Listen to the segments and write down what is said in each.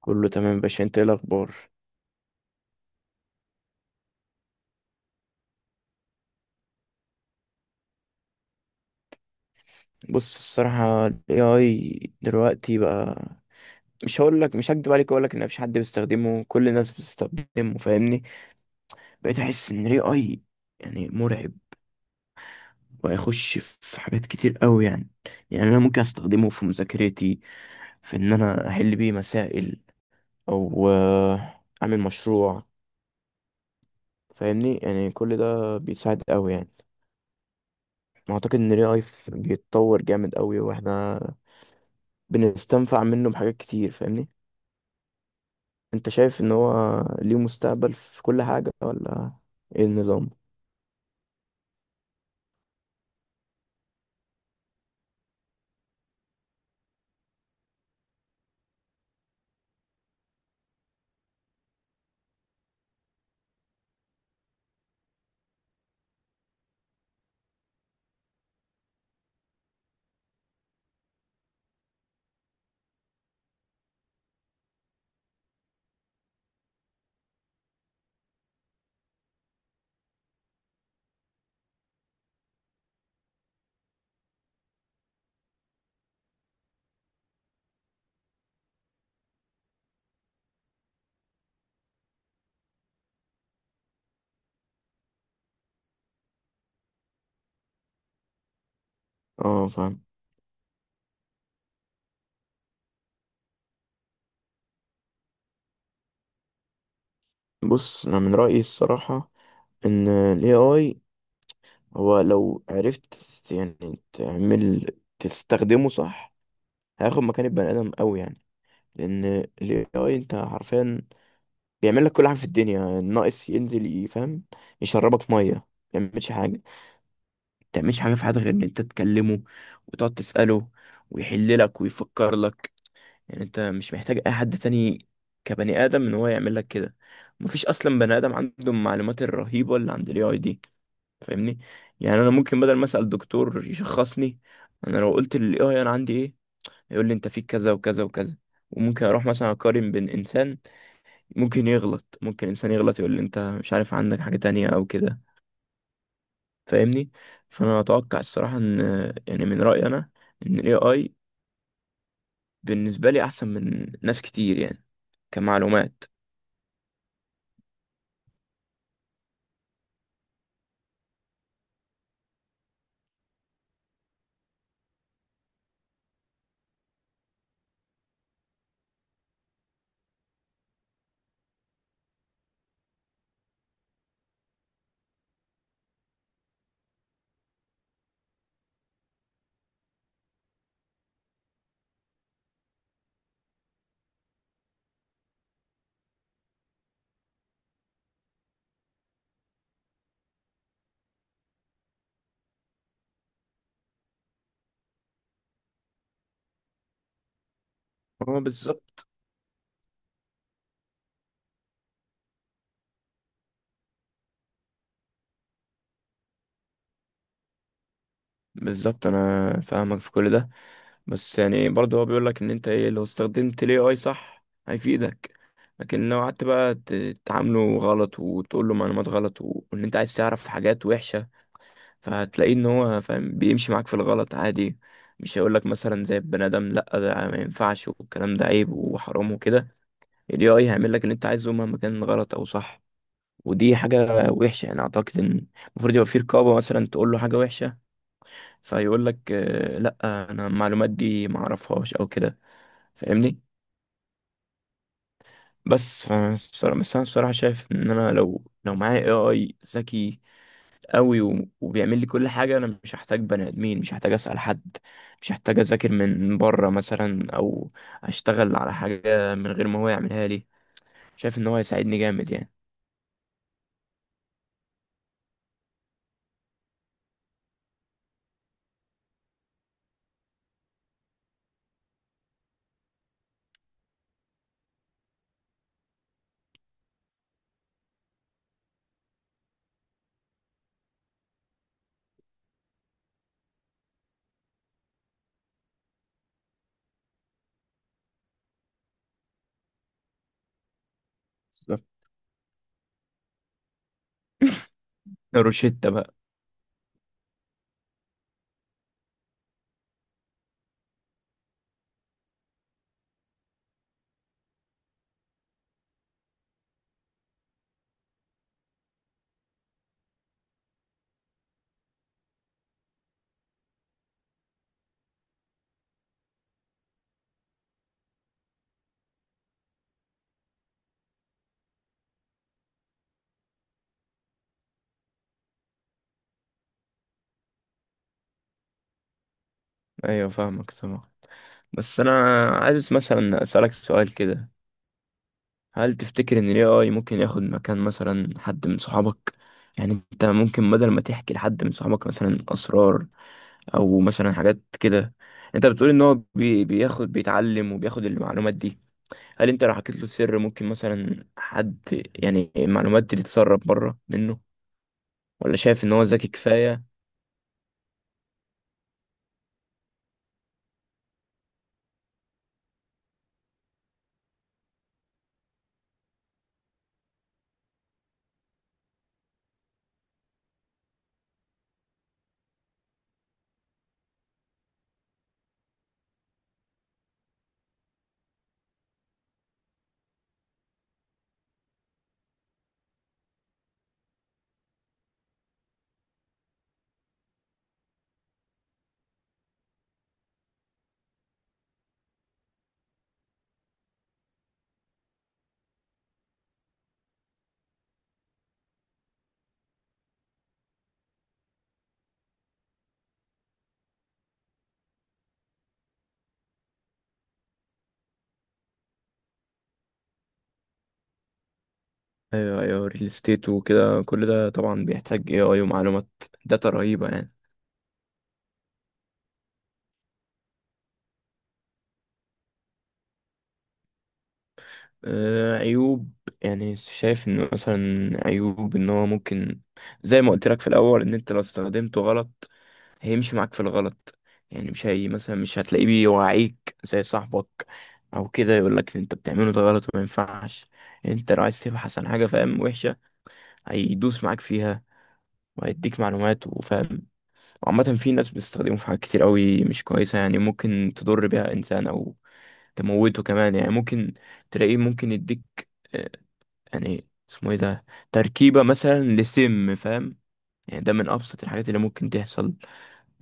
كله تمام يا باشا، انت ايه الاخبار؟ بص، الصراحه ال AI دلوقتي بقى، مش هقول لك، مش هكدب عليك، اقول لك ان مفيش حد بيستخدمه، كل الناس بتستخدمه فاهمني. بقيت احس ان ال AI يعني مرعب، وهيخش في حاجات كتير قوي يعني. يعني انا ممكن استخدمه في مذاكرتي، في ان انا احل بيه مسائل، او اعمل مشروع. فاهمني، يعني كل ده بيساعد قوي يعني. اعتقد ان ال AI بيتطور جامد قوي، واحنا بنستنفع منه بحاجات كتير فاهمني. انت شايف ان هو ليه مستقبل في كل حاجة، ولا ايه النظام؟ اه فاهم. بص، انا من رأيي الصراحة ان ال AI هو لو عرفت يعني تعمل، تستخدمه صح، هياخد مكان البني ادم قوي يعني. لان ال AI انت حرفيا بيعمل لك كل حاجة في الدنيا، ناقص ينزل يفهم يشربك مية. ما بيعملش حاجة، ما بتعملش حاجة في حياتك غير ان انت تكلمه وتقعد تسأله، ويحللك ويفكر لك. يعني انت مش محتاج اي حد تاني كبني ادم ان هو يعمل لك كده. مفيش اصلا بني ادم عنده المعلومات الرهيبه اللي عند الاي اي دي فاهمني. يعني انا ممكن بدل ما اسال دكتور يشخصني، انا لو قلت للاي اي انا عندي ايه، يقول لي انت فيك كذا وكذا وكذا. وممكن اروح مثلا اقارن بين انسان، ممكن يغلط، ممكن انسان يغلط يقول لي انت مش عارف عندك حاجه تانية او كده فاهمني. فانا اتوقع الصراحه ان، يعني من رايي انا، ان الاي اي بالنسبه لي احسن من ناس كتير يعني، كمعلومات. هو بالظبط. بالظبط، انا فاهمك في كل ده. بس يعني برضه هو بيقول لك ان انت ايه، لو استخدمت الاي اي صح هيفيدك، لكن لو قعدت بقى تعامله غلط وتقول له معلومات غلط، و- وان انت عايز تعرف حاجات وحشة، فهتلاقيه ان هو فاهم بيمشي معاك في الغلط عادي. مش هيقول لك مثلا زي البني ادم لا ده ما ينفعش والكلام ده عيب وحرام وكده. الاي اي هيعمل لك اللي انت عايزه مهما كان غلط او صح. ودي حاجة وحشة. يعني اعتقد ان المفروض يبقى في رقابة. مثلا تقول له حاجة وحشة فيقول لك لا، انا المعلومات دي ما اعرفهاش او كده فاهمني. بس انا الصراحه شايف ان انا لو معايا اي اي ذكي قوي و- وبيعمل لي كل حاجه، انا مش هحتاج بني ادمين، مش هحتاج اسال حد، مش هحتاج اذاكر من بره مثلا، او اشتغل على حاجه من غير ما هو يعملها لي. شايف ان هو هيساعدني جامد يعني. بالظبط. روشيتا بقى. ايوه فاهمك طبعا. بس انا عايز مثلا اسالك سؤال كده. هل تفتكر ان ال AI ممكن ياخد مكان مثلا حد من صحابك؟ يعني انت ممكن بدل ما تحكي لحد من صحابك مثلا اسرار، او مثلا حاجات كده. انت بتقول ان هو بياخد، بيتعلم وبياخد المعلومات دي. هل انت لو حكيت له سر، ممكن مثلا حد، يعني المعلومات دي تتسرب بره منه، ولا شايف ان هو ذكي كفاية؟ ايوه ايوه، ريل استيت وكده، كل ده طبعا بيحتاج AI ومعلومات، داتا رهيبة يعني. عيوب، يعني شايف انه مثلا، عيوب ان هو ممكن، زي ما قلت لك في الاول، ان انت لو استخدمته غلط هيمشي معاك في الغلط. يعني مش هي مثلا مش هتلاقيه بيوعيك زي صاحبك او كده يقول لك انت بتعمله ده غلط وما ينفعش. انت لو عايز تبحث عن حاجه فاهم وحشه، هيدوس معاك فيها، وهيديك معلومات وفاهم. وعامه في ناس بتستخدمه في حاجات كتير قوي مش كويسه، يعني ممكن تضر بيها انسان او تموته كمان. يعني ممكن تلاقيه ممكن يديك آه، يعني اسمه ايه ده، تركيبة مثلا لسم فاهم. يعني ده من أبسط الحاجات اللي ممكن تحصل،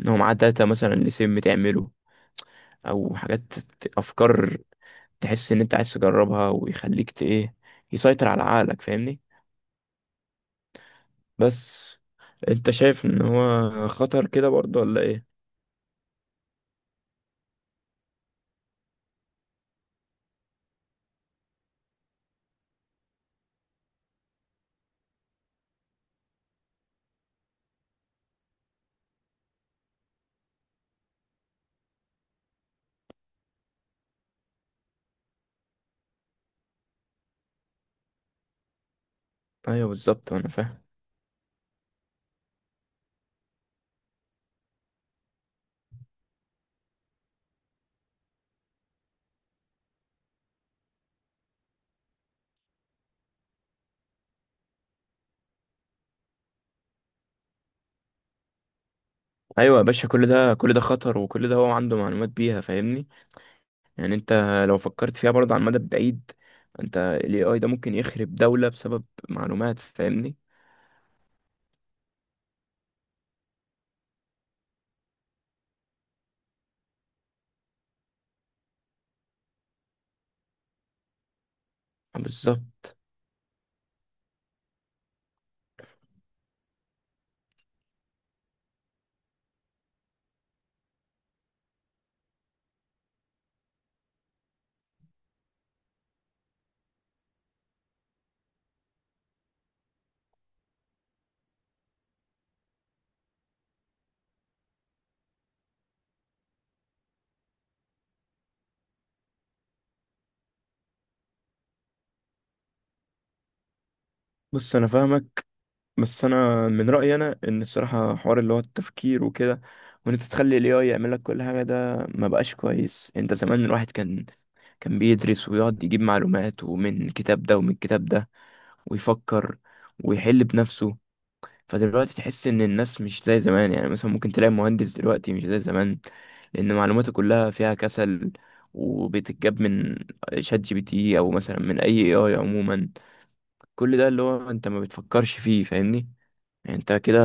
إن هو معاه داتا مثلا لسم تعمله، أو حاجات أفكار تحس إن أنت عايز تجربها، ويخليك إيه، يسيطر على عقلك فاهمني. بس أنت شايف إن هو خطر كده برضه ولا إيه؟ أيوه بالظبط، أنا فاهم. أيوه يا باشا، كل ده كل ده خطر، وكل ده هو عنده معلومات بيها فاهمني. يعني انت لو فكرت فيها برضه على المدى البعيد، انت ال AI ده ممكن يخرب دولة بسبب معلومات فاهمني. بالظبط. بص انا فاهمك، بس انا من رأيي انا ان الصراحة حوار اللي هو التفكير وكده، وان انت تخلي ال AI يعمل لك كل حاجة، ده ما بقاش كويس. انت زمان الواحد كان بيدرس ويقعد يجيب معلومات، ومن كتاب ده ومن كتاب ده، ويفكر ويحل بنفسه. فدلوقتي تحس ان الناس مش زي زمان، يعني مثلا ممكن تلاقي مهندس دلوقتي مش زي زمان، لان معلوماته كلها فيها كسل، وبتتجاب من شات جي بي تي، او مثلا من اي اي اي عموما. كل ده اللي هو انت ما بتفكرش فيه فاهمني. يعني انت كده،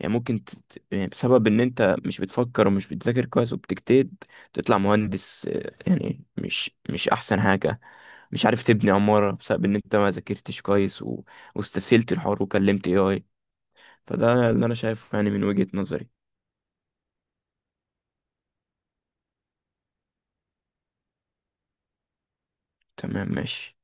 يعني يعني بسبب ان انت مش بتفكر ومش بتذاكر كويس وبتجتهد، تطلع مهندس، يعني مش احسن حاجة، مش عارف تبني عمارة، بسبب ان انت ما ذاكرتش كويس واستسهلت الحوار وكلمت اي اي. فده اللي انا شايفه يعني من وجهة نظري. تمام ماشي.